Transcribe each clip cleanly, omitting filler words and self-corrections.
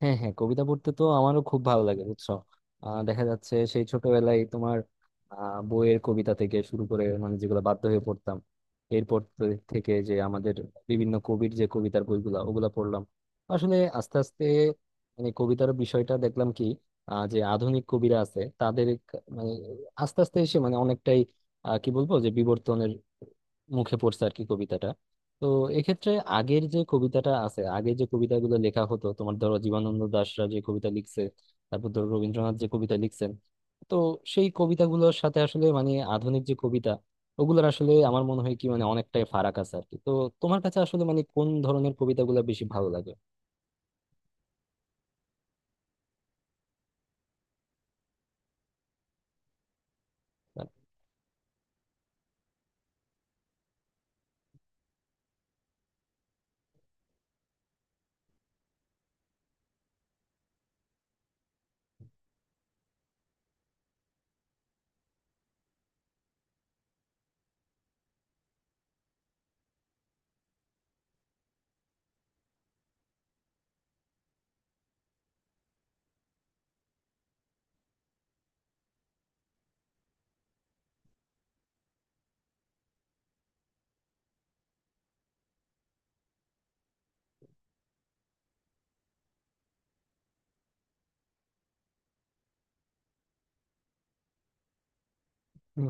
হ্যাঁ হ্যাঁ, কবিতা পড়তে তো আমারও খুব ভালো লাগে বুঝছো। দেখা যাচ্ছে সেই ছোটবেলায় তোমার বইয়ের কবিতা থেকে শুরু করে মানে যেগুলো বাধ্য হয়ে পড়তাম এরপর তো থেকে যে আমাদের বিভিন্ন কবির যে কবিতার বইগুলা ওগুলা পড়লাম আসলে আস্তে আস্তে মানে কবিতার বিষয়টা দেখলাম কি যে আধুনিক কবিরা আছে তাদের মানে আস্তে আস্তে এসে মানে অনেকটাই কি বলবো যে বিবর্তনের মুখে পড়ছে আর কি কবিতাটা। তো এক্ষেত্রে আগের যে কবিতাটা আছে আগের যে কবিতাগুলো লেখা হতো তোমার ধরো জীবনানন্দ দাশরা যে কবিতা লিখছে, তারপর ধরো রবীন্দ্রনাথ যে কবিতা লিখছেন, তো সেই কবিতাগুলোর সাথে আসলে মানে আধুনিক যে কবিতা ওগুলোর আসলে আমার মনে হয় কি মানে অনেকটাই ফারাক আছে আর কি। তো তোমার কাছে আসলে মানে কোন ধরনের কবিতাগুলো বেশি ভালো লাগে? হুম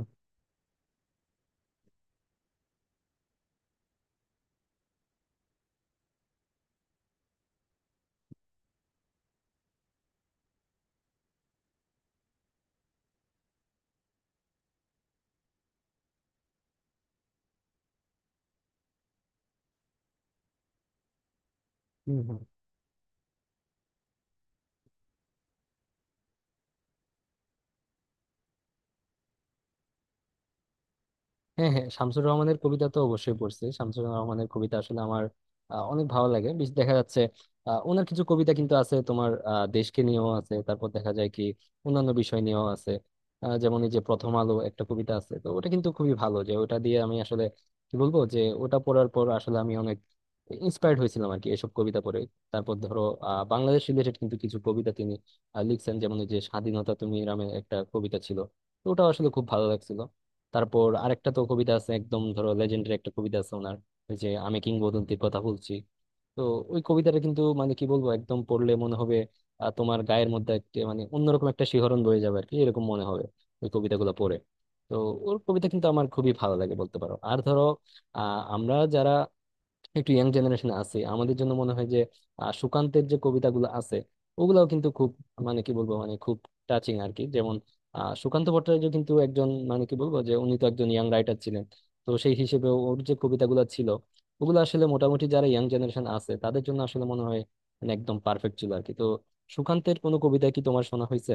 হুম হুম। হ্যাঁ হ্যাঁ, শামসুর রহমানের কবিতা তো অবশ্যই পড়ছি। শামসুর রহমানের কবিতা আসলে আমার অনেক ভালো লাগে। দেখা যাচ্ছে ওনার কিছু কবিতা কিন্তু আছে তোমার দেশকে নিয়েও আছে, তারপর দেখা যায় কি অন্যান্য বিষয় নিয়েও আছে। যেমন এই যে প্রথম আলো একটা কবিতা আছে, তো ওটা কিন্তু খুবই ভালো। যে ওটা দিয়ে আমি আসলে কি বলবো যে ওটা পড়ার পর আসলে আমি অনেক ইন্সপায়ার্ড হয়েছিলাম আর কি এসব কবিতা পড়ে। তারপর ধরো বাংলাদেশ রিলেটেড কিন্তু কিছু কবিতা তিনি লিখছেন, যেমন এই যে স্বাধীনতা তুমি নামে একটা কবিতা ছিল, তো ওটা আসলে খুব ভালো লাগছিল। তারপর আরেকটা তো কবিতা আছে একদম ধরো লেজেন্ডের একটা কবিতা আছে ওনার, ওই যে আমি কিংবদন্তির কথা বলছি। তো ওই কবিতাটা কিন্তু মানে কি বলবো একদম পড়লে মনে হবে তোমার গায়ের মধ্যে একটা মানে অন্যরকম একটা শিহরণ বয়ে যাবে আর কি, এরকম মনে হবে ওই কবিতাগুলো পড়ে। তো ওর কবিতা কিন্তু আমার খুবই ভালো লাগে বলতে পারো। আর ধরো আহ আমরা যারা একটু ইয়াং জেনারেশনে আছি আমাদের জন্য মনে হয় যে সুকান্তের যে কবিতাগুলো আছে ওগুলাও কিন্তু খুব মানে কি বলবো মানে খুব টাচিং আর কি। যেমন সুকান্ত ভট্টাচার্য কিন্তু একজন মানে কি বলবো যে উনি তো একজন ইয়াং রাইটার ছিলেন, তো সেই হিসেবে ওর যে কবিতাগুলো ছিল ওগুলো আসলে মোটামুটি যারা ইয়াং জেনারেশন আছে তাদের জন্য আসলে মনে হয় মানে একদম পারফেক্ট ছিল আর কি। তো সুকান্তের কোনো কবিতা কি তোমার শোনা হয়েছে?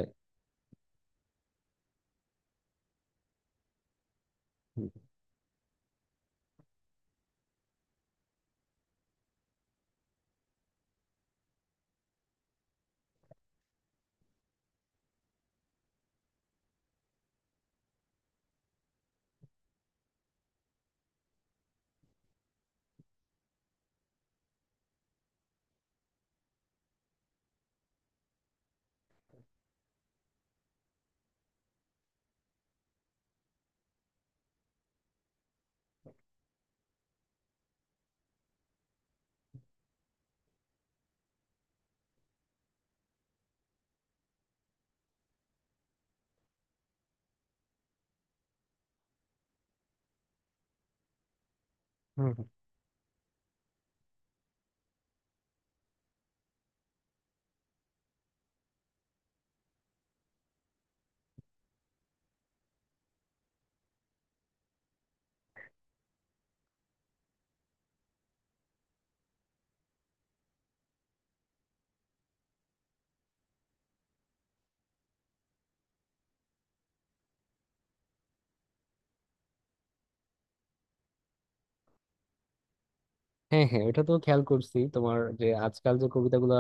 হ্যাঁ হ্যাঁ, ওটা তো খেয়াল করছি তোমার যে আজকাল যে কবিতাগুলা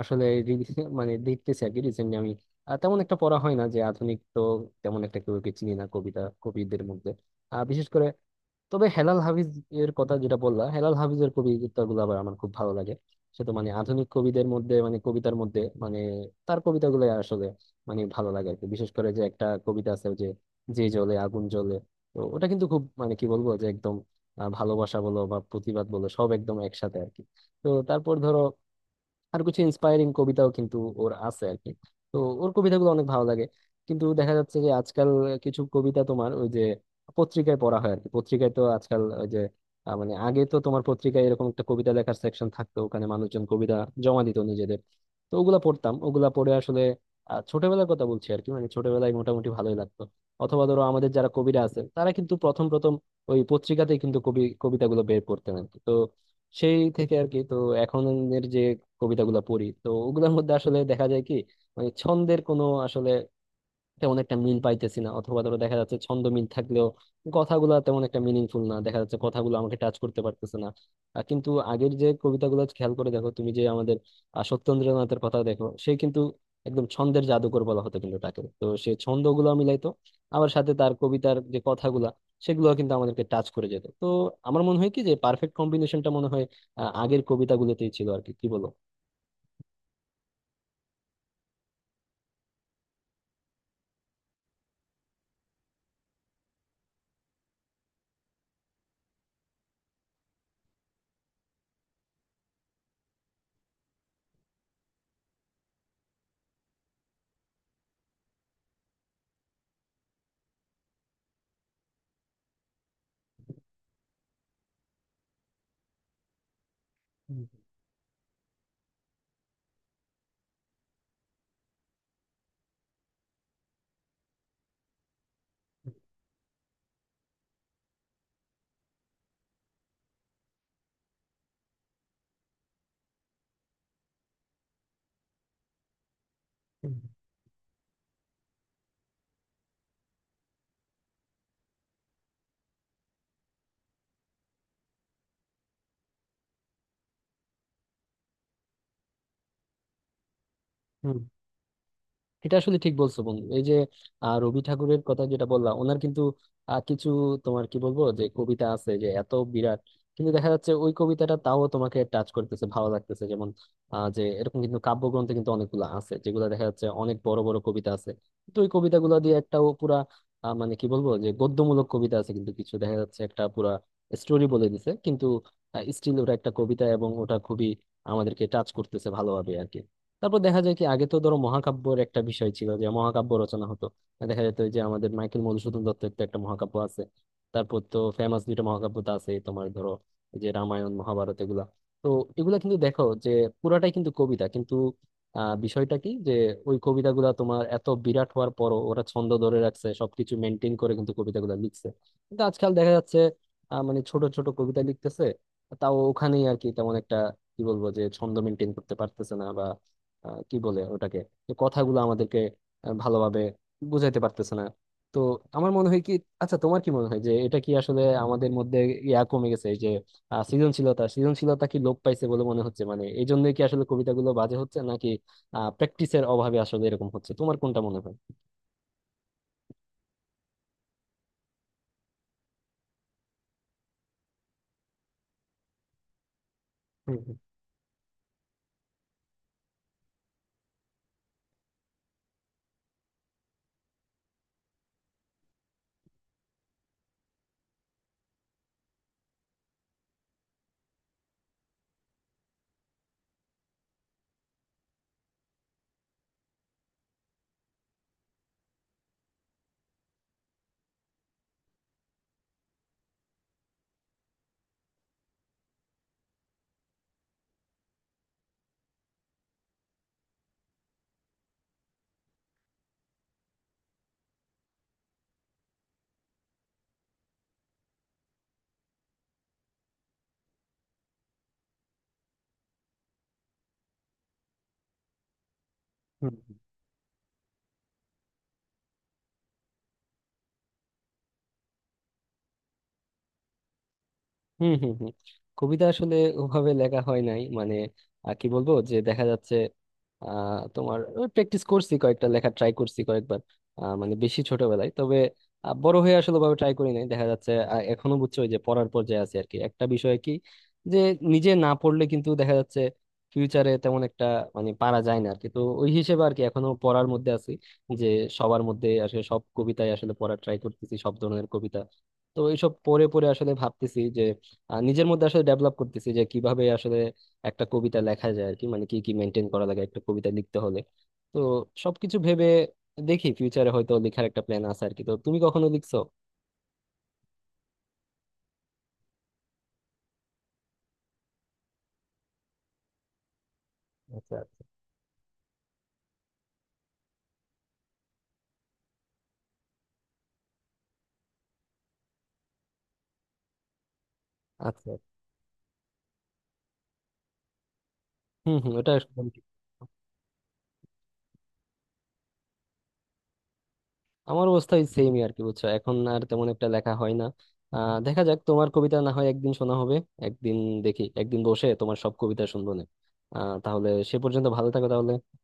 আসলে মানে দেখতেছি আর কি রিসেন্টলি আমি তেমন একটা পড়া হয় না যে আধুনিক। তো তেমন একটা কেউ কে চিনি না কবিতা কবিদের মধ্যে বিশেষ করে। তবে হেলাল হাফিজ এর কথা যেটা বললাম হেলাল হাফিজের কবিতাগুলো আবার আমার খুব ভালো লাগে। সে তো মানে আধুনিক কবিদের মধ্যে মানে কবিতার মধ্যে মানে তার কবিতাগুলো আসলে মানে ভালো লাগে আর কি। বিশেষ করে যে একটা কবিতা আছে ওই যে, যে জ্বলে আগুন জ্বলে, তো ওটা কিন্তু খুব মানে কি বলবো যে একদম ভালোবাসা বলো বা প্রতিবাদ বলো সব একদম একসাথে আর কি। তো তারপর ধরো আর কিছু ইন্সপায়ারিং কবিতাও কিন্তু ওর আছে আর কি। তো ওর কবিতাগুলো অনেক ভালো লাগে। কিন্তু দেখা যাচ্ছে যে আজকাল কিছু কবিতা তোমার ওই যে পত্রিকায় পড়া হয় আর কি। পত্রিকায় তো আজকাল ওই যে মানে আগে তো তোমার পত্রিকায় এরকম একটা কবিতা লেখার সেকশন থাকতো, ওখানে মানুষজন কবিতা জমা দিত নিজেদের, তো ওগুলা পড়তাম। ওগুলা পড়ে আসলে ছোটবেলার কথা বলছি আর কি, মানে ছোটবেলায় মোটামুটি ভালোই লাগতো। অথবা ধরো আমাদের যারা কবিরা আছে তারা কিন্তু প্রথম প্রথম ওই পত্রিকাতেই কিন্তু কবি কবিতাগুলো বের করতেন আর কি। তো সেই থেকে আর কি। তো এখনের যে কবিতাগুলো পড়ি তো ওগুলোর মধ্যে আসলে দেখা যায় কি মানে ছন্দের কোনো আসলে তেমন একটা মিল পাইতেছি না, অথবা ধরো দেখা যাচ্ছে ছন্দ মিল থাকলেও কথাগুলো তেমন একটা মিনিংফুল না, দেখা যাচ্ছে কথাগুলো আমাকে টাচ করতে পারতেছে না। কিন্তু আগের যে কবিতাগুলো খেয়াল করে দেখো তুমি যে আমাদের সত্যেন্দ্রনাথের কথা দেখো সে কিন্তু একদম ছন্দের জাদুকর বলা হতো কিন্তু তাকে। তো সে ছন্দগুলো মিলাইতো, আবার সাথে তার কবিতার যে কথাগুলা সেগুলো কিন্তু আমাদেরকে টাচ করে যেত। তো আমার মনে হয় কি যে পারফেক্ট কম্বিনেশনটা মনে হয় আগের কবিতাগুলোতেই ছিল আর কি, কি বলো? হুম, হুম। এটা আসলে ঠিক বলছো বন্ধু। এই যে রবি ঠাকুরের কথা যেটা বললাম ওনার কিন্তু কিছু তোমার কি বলবো যে কবিতা আছে যে এত বিরাট, কিন্তু দেখা যাচ্ছে ওই কবিতাটা তাও তোমাকে টাচ করতেছে ভালো লাগতেছে। যেমন যে এরকম কিন্তু কাব্যগ্রন্থে কিন্তু অনেকগুলো আছে যেগুলো দেখা যাচ্ছে অনেক বড় বড় কবিতা আছে। তো ওই কবিতাগুলো দিয়ে একটা ও পুরা মানে কি বলবো যে গদ্যমূলক কবিতা আছে কিন্তু কিছু, দেখা যাচ্ছে একটা পুরা স্টোরি বলে দিছে কিন্তু স্টিল ওটা একটা কবিতা এবং ওটা খুবই আমাদেরকে টাচ করতেছে ভালোভাবে আর কি। তারপর দেখা যায় কি আগে তো ধরো মহাকাব্যের একটা বিষয় ছিল যে মহাকাব্য রচনা হতো। দেখা যেত যে আমাদের মাইকেল মধুসূদন দত্তের তো একটা মহাকাব্য আছে, তারপর তো ফেমাস দুইটা মহাকাব্য তো আছে তোমার ধরো এই যে রামায়ণ মহাভারত এগুলা। তো এগুলা কিন্তু দেখো যে পুরাটাই কিন্তু কবিতা কিন্তু বিষয়টা কি যে ওই কবিতাগুলা তোমার এত বিরাট হওয়ার পরও ওরা ছন্দ ধরে রাখছে, সবকিছু মেনটেন করে কিন্তু কবিতাগুলা লিখছে। কিন্তু আজকাল দেখা যাচ্ছে মানে ছোট ছোট কবিতা লিখতেছে তাও ওখানেই আর কি তেমন একটা কি বলবো যে ছন্দ মেনটেন করতে পারতেছে না। কি বলে ওটাকে, যে কথাগুলো আমাদেরকে ভালোভাবে বুঝাইতে পারতেছে না। তো আমার মনে হয় কি, আচ্ছা তোমার কি মনে হয় যে এটা কি আসলে আমাদের মধ্যে ইয়া কমে গেছে? এই যে সৃজনশীলতা সৃজনশীলতা কি লোপ পাইছে বলে মনে হচ্ছে, মানে এই জন্যই কি আসলে কবিতাগুলো বাজে হচ্ছে, নাকি প্র্যাকটিসের অভাবে আসলে এরকম হচ্ছে, তোমার কোনটা মনে হয়? হুম, হুম, হুম। হুম হুম হুম, কবিতা আসলে ওভাবে লেখা হয় নাই মানে কি বলবো যে দেখা যাচ্ছে তোমার প্র্যাকটিস করছি, কয়েকটা লেখা ট্রাই করছি কয়েকবার মানে বেশি ছোটবেলায়। তবে বড় হয়ে আসলে ভাবে ট্রাই করি নাই। দেখা যাচ্ছে এখনো বুঝছো ওই যে পড়ার পর্যায়ে আছে আর কি। একটা বিষয় কি যে নিজে না পড়লে কিন্তু দেখা যাচ্ছে ফিউচারে তেমন একটা মানে পারা যায় না আর কি, তো ওই হিসেবে আর কি এখনো পড়ার মধ্যে আছি। যে সবার মধ্যে আসলে সব কবিতায় আসলে পড়ার ট্রাই করতেছি সব ধরনের কবিতা। তো এইসব পড়ে পড়ে আসলে ভাবতেছি আর নিজের মধ্যে আসলে ডেভেলপ করতেছি যে কিভাবে আসলে একটা কবিতা লেখা যায় আর কি, মানে কি কি মেনটেন করা লাগে একটা কবিতা লিখতে হলে। তো সবকিছু ভেবে দেখি ফিউচারে হয়তো লেখার একটা প্ল্যান আছে আর কি। তো তুমি কখনো লিখছো? আচ্ছা আচ্ছা আচ্ছা। হম হম, ওটা একদম ঠিক। আমার অবস্থা ওই সেমই আর কি বুঝছো, এখন আর তেমন একটা লেখা হয় না। দেখা যাক, তোমার কবিতা না হয় একদিন শোনা হবে একদিন। দেখি একদিন বসে তোমার সব কবিতা শুনবো না। তাহলে সে পর্যন্ত ভালো থাকো তাহলে।